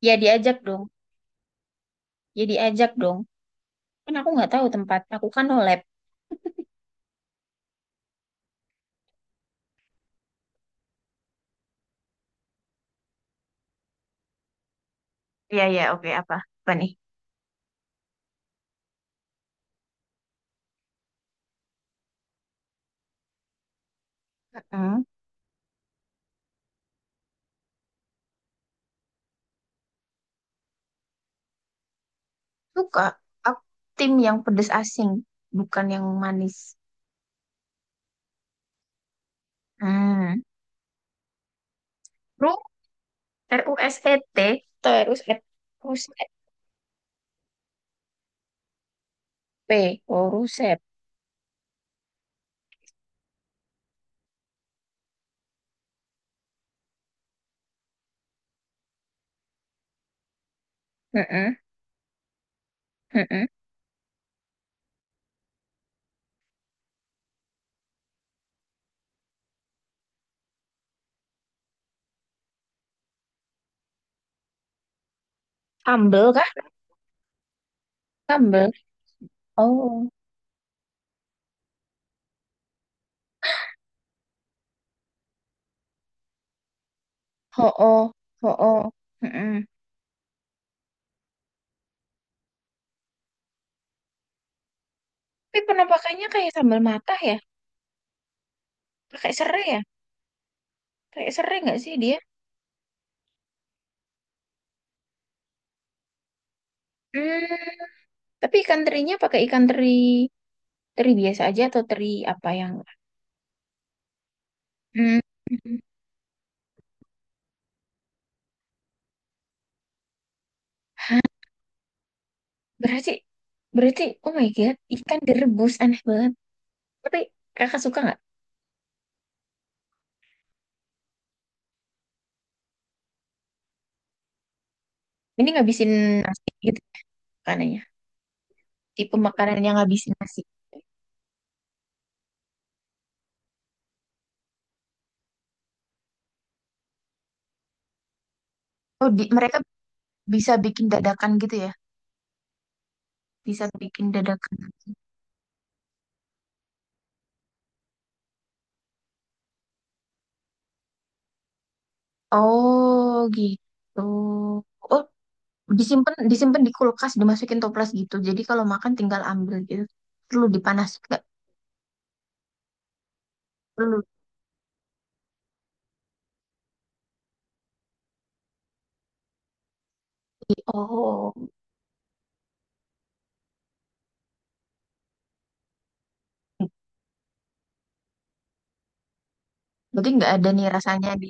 Ya diajak dong, ya diajak dong. Kan aku nggak tahu tempat, aku kan no lab. Heeh. Suka. Aku tim yang pedes asing, bukan yang manis. Hmm. Ru, RUSET, atau RUSEP, Rusep. P. Oh, Rusep. Mm-mm. Mm-mm. Sambel kah? Sambel. Oh, ho oh, ho oh. Mm-mm. Tapi penampakannya kayak sambal matah ya? Pakai serai ya? Pakai serai nggak sih dia? Hmm. Tapi ikan terinya pakai ikan teri. Teri biasa aja atau teri apa yang hmm. Hah, berarti berarti oh my god, ikan direbus aneh banget. Tapi kakak suka nggak? Ini ngabisin nasi gitu makanannya, tipe makanan yang ngabisin nasi. Oh, mereka bisa bikin dadakan gitu ya? Bisa bikin dadakan. Oh, gitu. Oh, disimpan disimpan di kulkas, dimasukin toples gitu. Jadi kalau makan tinggal ambil gitu. Perlu dipanas nggak? Perlu. Oh, berarti nggak ada nih rasanya di.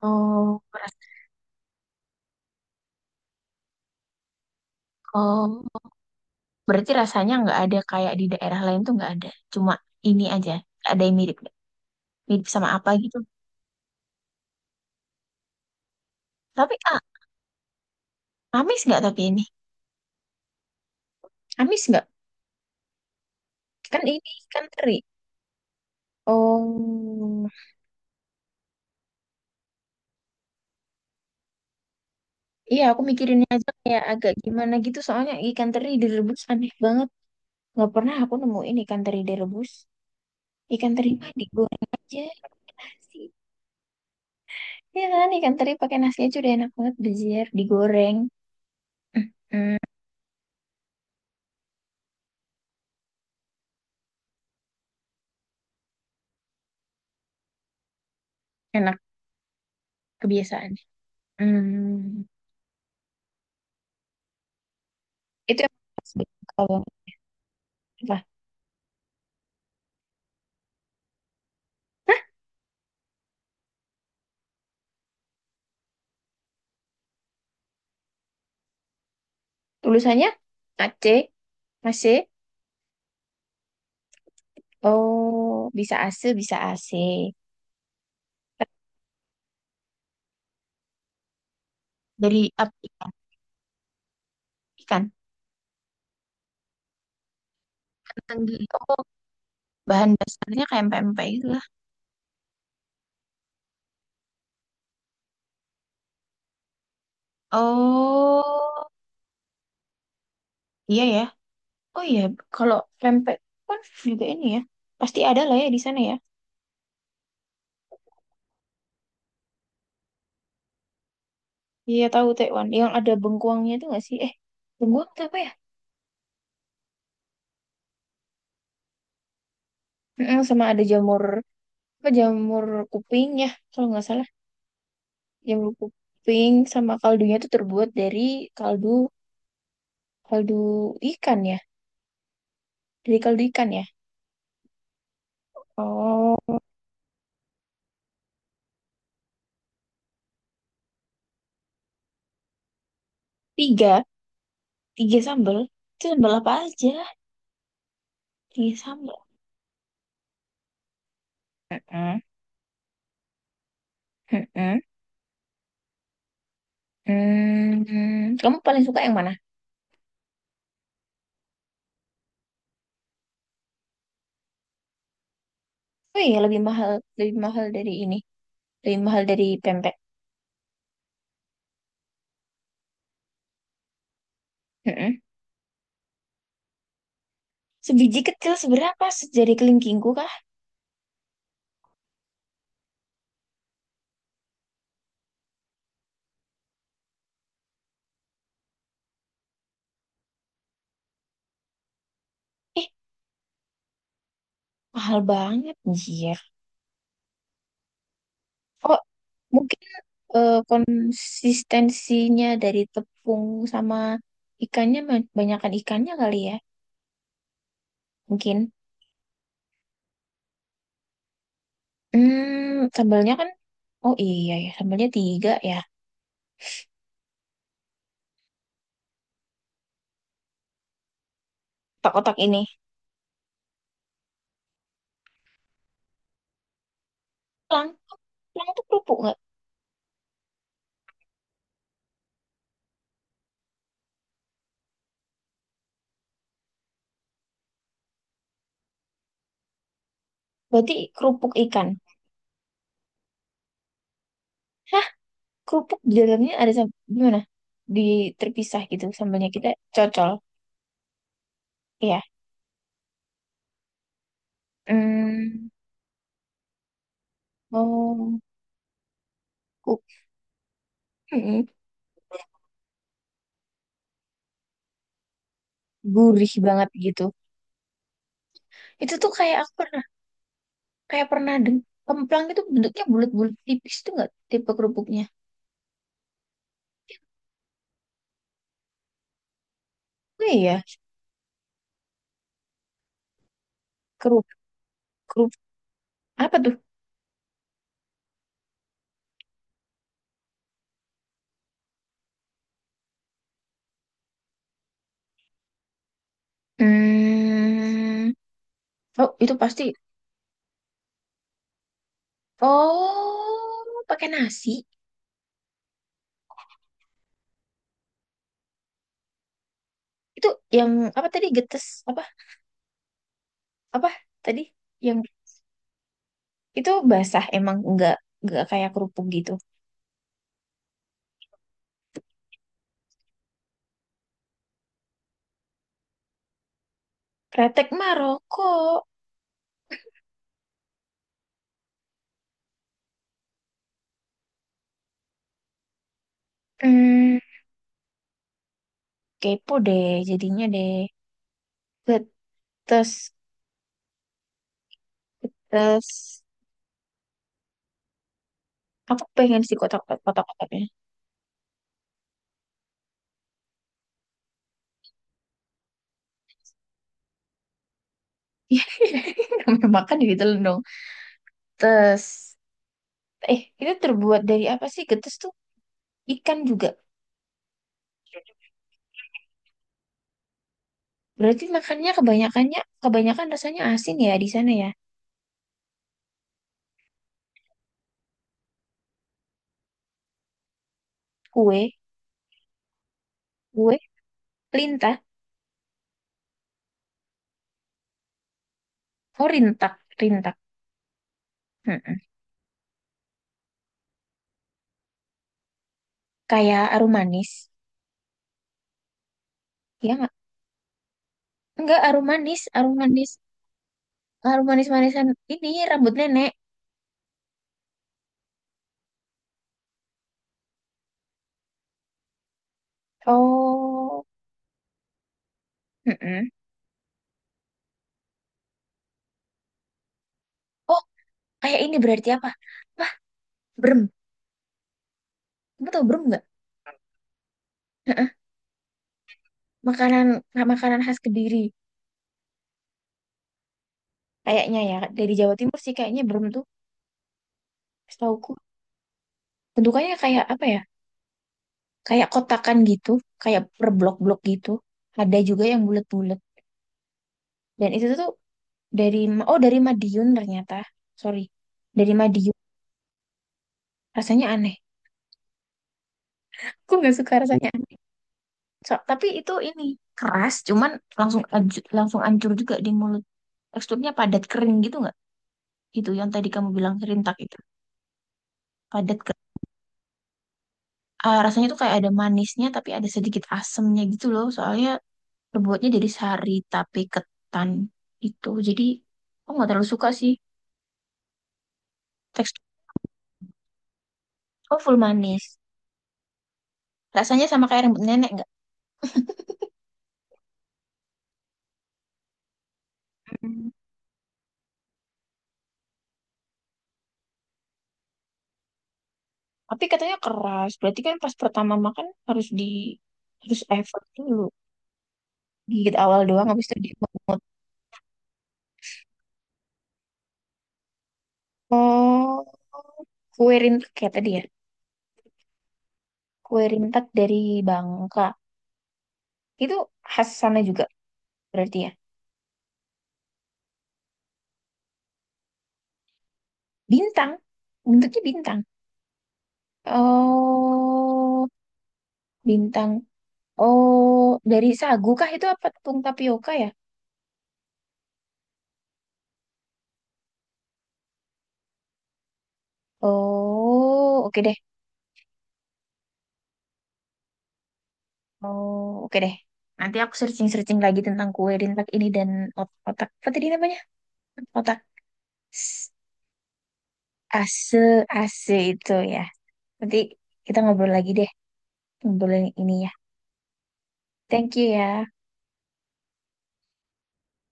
Oh, ras- oh, berarti rasanya nggak ada kayak di daerah lain tuh nggak ada. Cuma ini aja. Ada yang mirip nggak? Mirip sama apa gitu. Tapi amis nggak tapi ini? Amis nggak? Kan ini ikan teri. Oh, iya aku mikirin aja kayak agak gimana gitu. Soalnya ikan teri direbus aneh banget. Nggak pernah aku nemuin ikan teri direbus. Ikan teri mah digoreng aja pakai nasi. Iya kan ikan teri pakai nasi aja udah enak banget. Bejer digoreng. Mm, enak, kebiasaan. Hmm, itu yang kalau apa? Hah? Tulisannya AC, AC. Oh, bisa AC, bisa AC. Dari apa? Ikan. Ikan. Tenggiri. Oh, bahan dasarnya kayak pempek gitu lah. Oh, iya ya. Oh iya, kalau pempek kan juga ini ya. Pasti ada lah ya di sana ya. Iya tahu Taiwan. Yang ada bengkuangnya itu nggak sih? Bengkuang itu apa ya? Mm-mm, sama ada jamur, apa jamur kuping ya, kalau nggak salah. Yang lu kuping sama kaldunya tuh terbuat dari kaldu kaldu ikan ya. Dari kaldu ikan ya. Oh, tiga, tiga sambal. Itu sambal apa aja? Tiga sambal. Heeh, heeh. Hmm, kamu paling suka yang mana? Oh iya, lebih mahal dari ini. Lebih mahal dari pempek. Heeh. Sebiji kecil seberapa? Sejari kelingkingku kah? Eh, mahal banget, anjir. Oh, mungkin konsistensinya dari tepung sama ikannya, banyakan ikannya kali ya. Mungkin. Hmm, sambalnya kan, oh iya ya, sambalnya tiga ya. Kotak-kotak ini. Tulang, tulang tuh kerupuk nggak? Berarti kerupuk ikan. Hah, kerupuk di dalamnya ada gimana? Di terpisah gitu, sambalnya kita cocol. Iya. Hmm, oh, ku- mm, gurih banget gitu. Itu tuh kayak aku pernah. Kayak pernah deng, kemplang itu bentuknya bulat-bulat tipis tuh nggak tipe kerupuknya? Oh iya, kerupuk kerupuk apa tuh? Hmm, oh itu pasti. Oh, pakai nasi. Itu yang apa tadi, getes apa apa tadi yang itu, basah emang nggak kayak kerupuk gitu. Kretek mah rokok. Hmm, kepo deh jadinya deh. Getes, getes. Aku pengen sih kotak-kotaknya. Iya, makan di ditelan dong. Getes. Eh, itu terbuat dari apa sih? Getes tuh ikan juga. Berarti makannya kebanyakannya, kebanyakan rasanya asin ya di sana ya. Kue, kue, lintah, oh rintak, rintak. Mm-mm. Kayak arum manis, ya nggak? Enggak arum manis, arum manis, arum manis manisan ini rambut nenek. Oh, mm-mm. Oh, kayak ini berarti apa? Wah, brem. Kamu tau brem nggak? Mm. Makanan, makanan khas Kediri. Kayaknya ya dari Jawa Timur sih kayaknya brem tuh. Setahu bentukannya kayak apa ya, kayak kotakan gitu, kayak per blok-blok gitu, ada juga yang bulat-bulat, dan itu tuh dari, oh dari Madiun ternyata, sorry, dari Madiun. Rasanya aneh, aku nggak suka, rasanya aneh. Tapi itu ini keras, cuman langsung langsung hancur juga di mulut, teksturnya padat kering gitu nggak, itu yang tadi kamu bilang serintak itu padat, ah, rasanya tuh kayak ada manisnya tapi ada sedikit asemnya gitu loh soalnya terbuatnya dari sari tapi ketan itu. Jadi aku nggak terlalu suka sih. Tekstur, oh, full manis. Rasanya sama kayak rambut nenek nggak? Mm. Tapi katanya keras. Berarti kan pas pertama makan harus di, harus effort dulu. Gigit awal doang habis itu di. Oh, kue rintet kayak tadi ya. Kue rintet dari Bangka. Itu khas sana juga berarti ya. Bintang. Bentuknya bintang. Oh, bintang. Oh, dari sagu kah itu apa tepung tapioka ya? Oh, oke deh. Oh, oke deh. Nanti aku searching-searching lagi tentang kue rintak ini dan otak. Apa tadi namanya? Otak s- ase, ase itu ya. Nanti kita ngobrol lagi deh. Ngobrolin ini ya. Thank you ya.